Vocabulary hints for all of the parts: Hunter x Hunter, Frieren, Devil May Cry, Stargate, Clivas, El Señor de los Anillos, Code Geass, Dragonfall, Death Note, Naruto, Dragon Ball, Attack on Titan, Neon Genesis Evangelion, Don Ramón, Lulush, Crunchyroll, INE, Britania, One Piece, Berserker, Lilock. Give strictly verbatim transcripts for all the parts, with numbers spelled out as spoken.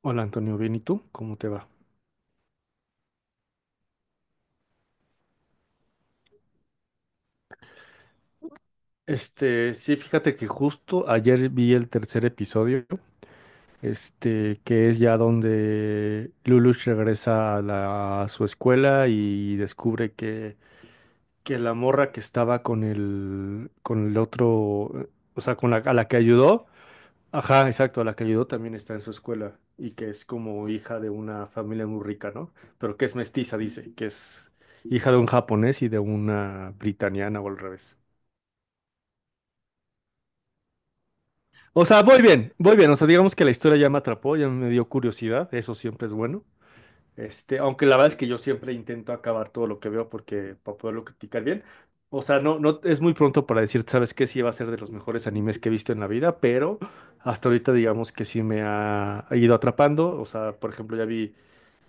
Hola Antonio, bien, ¿y tú? ¿Cómo te va? Este, sí, fíjate que justo ayer vi el tercer episodio, este, que es ya donde Lulush regresa a, la- a su escuela y descubre que, que la morra que estaba con el, con el otro, eh, o sea, con la, a la que ayudó, ajá, exacto, a la que ayudó también está en su escuela y que es como hija de una familia muy rica, ¿no? Pero que es mestiza, dice, que es hija de un japonés y de una britaniana o al revés. O sea, voy bien, voy bien. O sea, digamos que la historia ya me atrapó, ya me dio curiosidad, eso siempre es bueno. Este, aunque la verdad es que yo siempre intento acabar todo lo que veo porque para poderlo criticar bien. O sea, no, no es muy pronto para decir, sabes qué, sí va a ser de los mejores animes que he visto en la vida, pero hasta ahorita digamos que sí me ha ido atrapando. O sea, por ejemplo, ya vi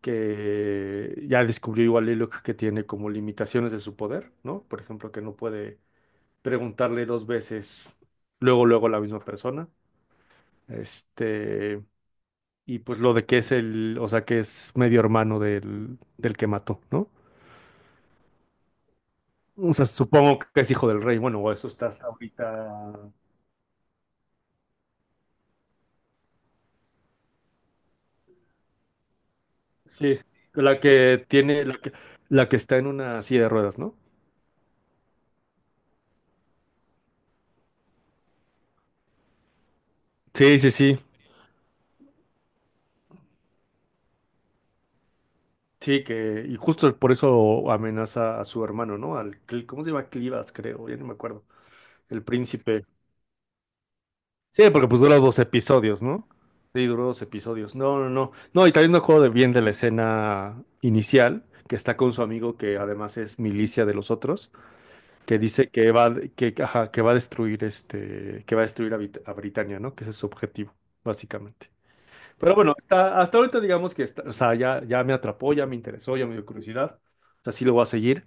que ya descubrió igual Lilock que tiene como limitaciones de su poder, ¿no? Por ejemplo, que no puede preguntarle dos veces luego, luego a la misma persona. Este, y pues lo de que es el, o sea, que es medio hermano del, del que mató, ¿no? O sea, supongo que es hijo del rey, bueno, o eso está hasta ahorita. Sí, la que tiene, la que, la que está en una silla de ruedas, ¿no? Sí, sí, sí. Sí, que, y justo por eso amenaza a su hermano, ¿no? Al, Cl- ¿cómo se llama? Clivas, creo, ya no me acuerdo. El príncipe. Sí, porque pues dura dos episodios, ¿no? Sí, duró dos episodios. No, no, no. No, y también me acuerdo de bien de la escena inicial, que está con su amigo que además es milicia de los otros, que dice que va, que, ajá, que va a destruir este, que va a destruir a, Brit- a Britania, ¿no? Que ese es su objetivo, básicamente. Pero bueno, hasta hasta ahorita digamos que está, o sea, ya, ya me atrapó, ya me interesó, ya me dio curiosidad. O sea, sí lo voy a seguir.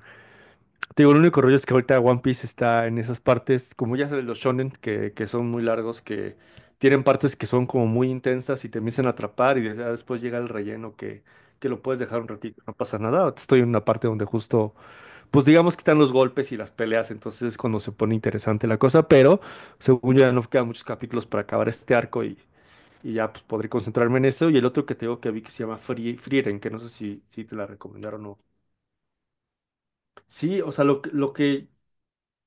Te digo, el único rollo es que ahorita One Piece está en esas partes, como ya sabes, los shonen, que, que son muy largos, que tienen partes que son como muy intensas y te empiezan a atrapar y des- ya después llega el relleno que, que lo puedes dejar un ratito, no pasa nada. Ahorita estoy en una parte donde justo, pues digamos que están los golpes y las peleas, entonces es cuando se pone interesante la cosa, pero según yo ya no quedan muchos capítulos para acabar este arco y, y ya pues podré concentrarme en eso. Y el otro que te digo que vi que se llama Frie- Frieren, que no sé si, si te la recomendaron o no. Sí, o sea, lo, que- lo que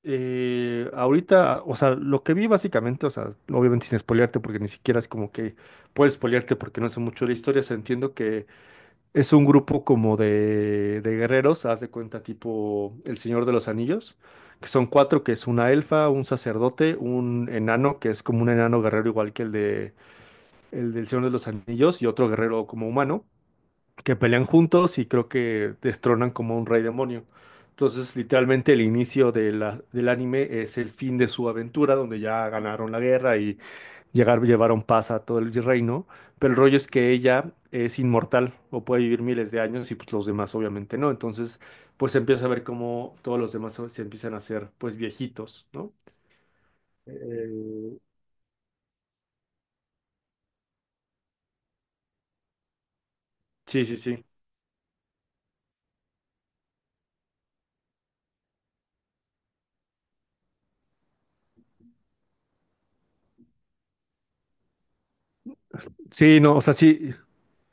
eh, ahorita, o sea, lo que vi básicamente, o sea, obviamente sin spoilearte, porque ni siquiera es como que puedes spoilearte porque no sé mucho de la historia, o sea, entiendo que es un grupo como de, de guerreros, haz de cuenta, tipo El Señor de los Anillos, que son cuatro, que es una elfa, un sacerdote, un enano, que es como un enano guerrero igual que el de el del Señor de los Anillos, y otro guerrero como humano que pelean juntos y creo que destronan como un rey demonio. Entonces, literalmente el inicio de la- del anime es el fin de su aventura, donde ya ganaron la guerra y llegar, llevaron paz a todo el reino. Pero el rollo es que ella es inmortal o puede vivir miles de años y pues los demás obviamente no. Entonces, pues se empieza a ver cómo todos los demás se empiezan a hacer pues viejitos, ¿no? Eh, Sí, sí, sí. Sí, no, o sea, sí.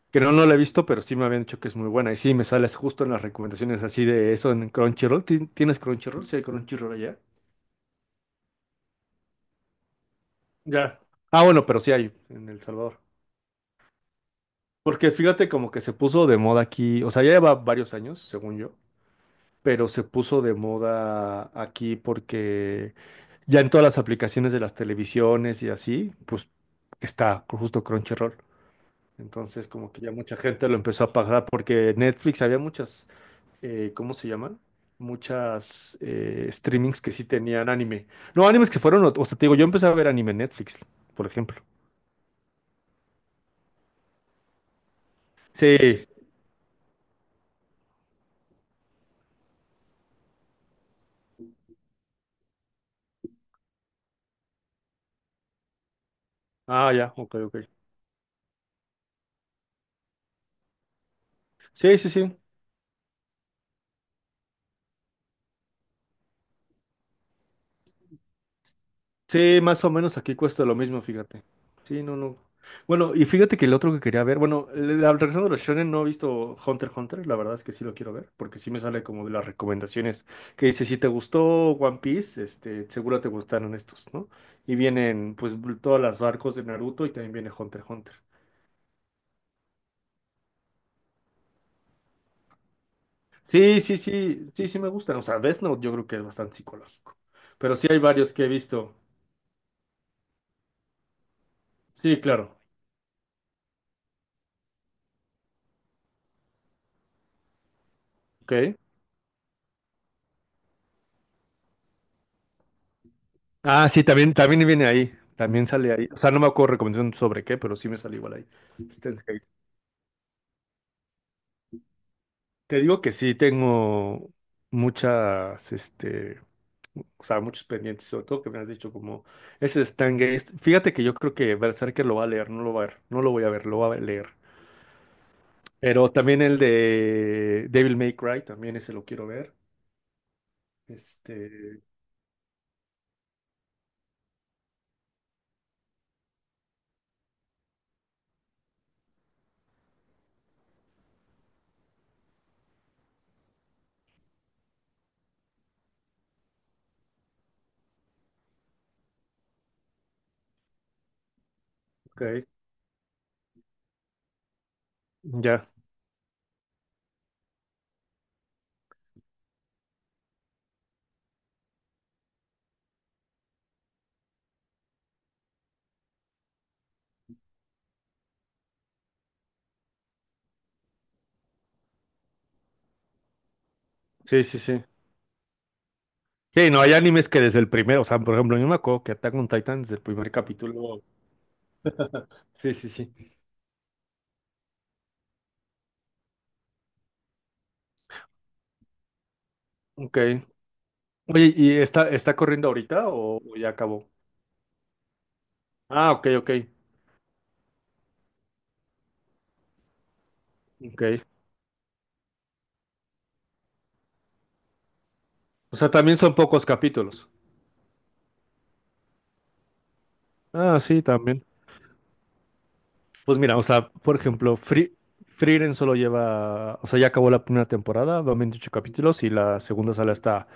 Creo no no la he visto, pero sí me habían dicho que es muy buena. Y sí, me sales justo en las recomendaciones así de eso en Crunchyroll. ¿Ti- ¿Tienes Crunchyroll? Sí, hay Crunchyroll allá. Ya. Ah, bueno, pero sí hay en El Salvador. Porque fíjate como que se puso de moda aquí, o sea, ya lleva varios años, según yo, pero se puso de moda aquí porque ya en todas las aplicaciones de las televisiones y así, pues está justo Crunchyroll. Entonces como que ya mucha gente lo empezó a pagar porque Netflix había muchas. Eh, ¿cómo se llaman? Muchas eh, streamings que sí tenían anime. No, animes que fueron, o o sea, te digo, yo empecé a ver anime en Netflix, por ejemplo. Sí. Ah, ya, ok, ok. Sí, sí, sí. Sí, más o menos aquí cuesta lo mismo, fíjate. Sí, no, no. Bueno, y fíjate que el otro que quería ver, bueno, le- le- regresando a los shonen, no he visto Hunter x Hunter, la verdad es que sí lo quiero ver, porque sí me sale como de las recomendaciones que dice, si te gustó One Piece, este, seguro te gustaron estos, ¿no? Y vienen, pues, bl- todas las arcos de Naruto y también viene Hunter x Hunter. Sí, sí, sí, sí, sí me gustan, o sea, Death Note yo creo que es bastante psicológico, pero sí hay varios que he visto. Sí, claro, ok. Ah, sí, también, también viene ahí. También sale ahí. O sea, no me acuerdo recomendación sobre qué, pero sí me sale igual ahí. Este, es que- te digo que sí, tengo muchas, este, o sea, muchos pendientes, sobre todo que me has dicho como ese Stargate. Fíjate que yo creo que Berserker lo va a leer, no lo va a ver, no lo voy a ver, lo va a leer. Pero también el de Devil May Cry, también ese lo quiero ver. Este, ok, ya, sí, sí, sí. Sí, no, hay animes que desde el primer, o sea, por ejemplo, yo me acuerdo que Attack on Titan desde el primer capítulo. Sí, sí, sí. Ok. Oye, ¿y está, está corriendo ahorita o, o ya acabó? Ah, ok, ok. Ok. O sea, también son pocos capítulos. Ah, sí, también. Pues mira, o sea, por ejemplo, Free, Frieren solo lleva, o sea, ya acabó la primera temporada, van veintiocho capítulos y la segunda sale hasta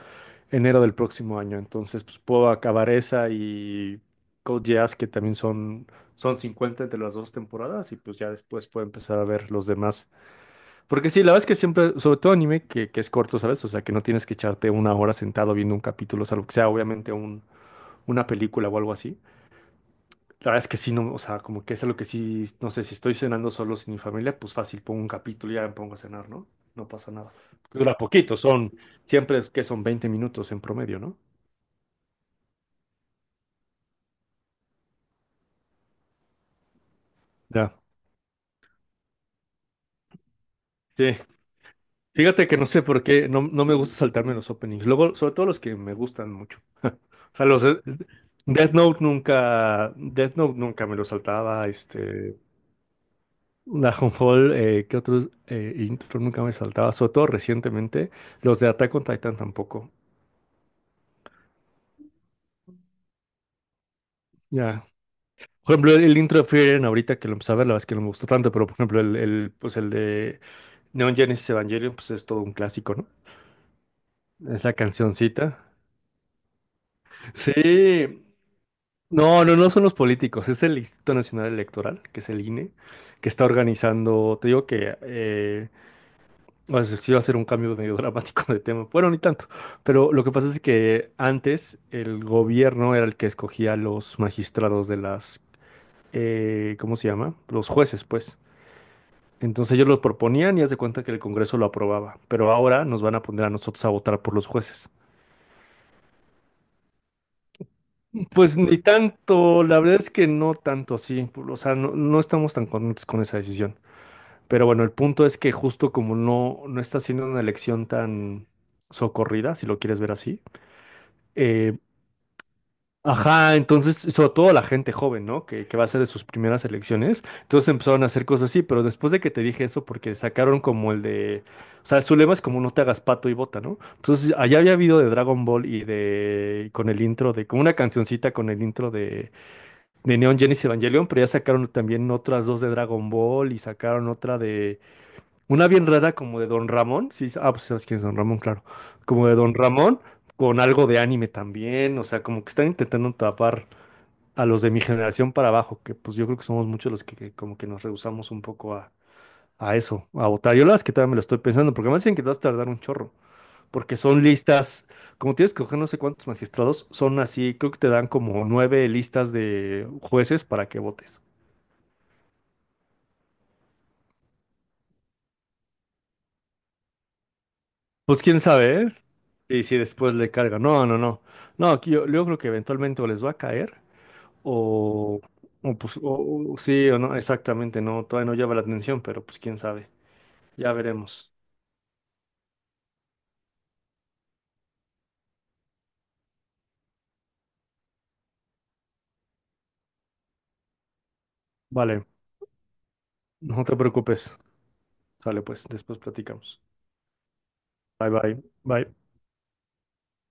enero del próximo año. Entonces, pues puedo acabar esa y Code Geass, que también son, son cincuenta entre las dos temporadas y pues ya después puedo empezar a ver los demás. Porque sí, la verdad es que siempre, sobre todo anime, que, que es corto, ¿sabes? O sea, que no tienes que echarte una hora sentado viendo un capítulo, salvo que sea obviamente un, una película o algo así. La verdad es que sí, no, o sea, como que es algo que sí, no sé, si estoy cenando solo sin mi familia, pues fácil, pongo un capítulo y ya me pongo a cenar, ¿no? No pasa nada. Dura poquito, son, siempre es que son veinte minutos en promedio, ¿no? Ya. Sí. Fíjate que no sé por qué, no, no me gusta saltarme los openings. Luego, sobre todo los que me gustan mucho. O sea, los eh, Death Note nunca, Death Note nunca me lo saltaba, este, Dragonfall, eh, ¿qué otros eh, intro nunca me saltaba? Sobre todo recientemente, los de Attack on Titan tampoco. Ya. Por ejemplo, el intro de Frieren ahorita que lo empecé a ver, la verdad es que no me gustó tanto, pero por ejemplo, el, el, pues el de Neon Genesis Evangelion, pues es todo un clásico, ¿no? Esa cancioncita. Sí. No, no, no son los políticos, es el Instituto Nacional Electoral, que es el I N E, que está organizando, te digo que eh, o sea, sí va a ser un cambio medio dramático de tema. Bueno, ni tanto. Pero lo que pasa es que antes el gobierno era el que escogía los magistrados de las, eh, ¿cómo se llama? Los jueces, pues. Entonces ellos los proponían y haz de cuenta que el Congreso lo aprobaba. Pero ahora nos van a poner a nosotros a votar por los jueces. Pues ni tanto, la verdad es que no tanto así. O sea, no, no estamos tan contentos con esa decisión. Pero bueno, el punto es que justo como no, no está siendo una elección tan socorrida, si lo quieres ver así. eh, Ajá, entonces, sobre todo la gente joven, ¿no? Que, que va a ser de sus primeras elecciones. Entonces empezaron a hacer cosas así, pero después de que te dije eso, porque sacaron como el de. O sea, su lema es como no te hagas pato y bota, ¿no? Entonces, allá había habido de Dragon Ball y de. Con el intro de. Como una cancioncita con el intro de. de. Neon Genesis Evangelion, pero ya sacaron también otras dos de Dragon Ball y sacaron otra de. Una bien rara como de Don Ramón. Sí, ah, pues sabes quién es Don Ramón, claro. Como de Don Ramón. Con algo de anime también, o sea, como que están intentando tapar a los de mi generación para abajo, que pues yo creo que somos muchos los que, que como que nos rehusamos un poco a, a eso, a votar. Yo la verdad es que todavía me lo estoy pensando, porque me dicen que te vas a tardar un chorro, porque son listas, como tienes que coger no sé cuántos magistrados, son así, creo que te dan como nueve listas de jueces para que votes. Pues quién sabe, ¿eh? Y si después le carga. No, no, no. No, aquí yo, yo creo que eventualmente o les va a caer o, o pues o, o- sí o no, exactamente, no, todavía no llama la atención, pero pues quién sabe. Ya veremos. Vale. No te preocupes. Sale pues, después platicamos. Bye bye. Bye.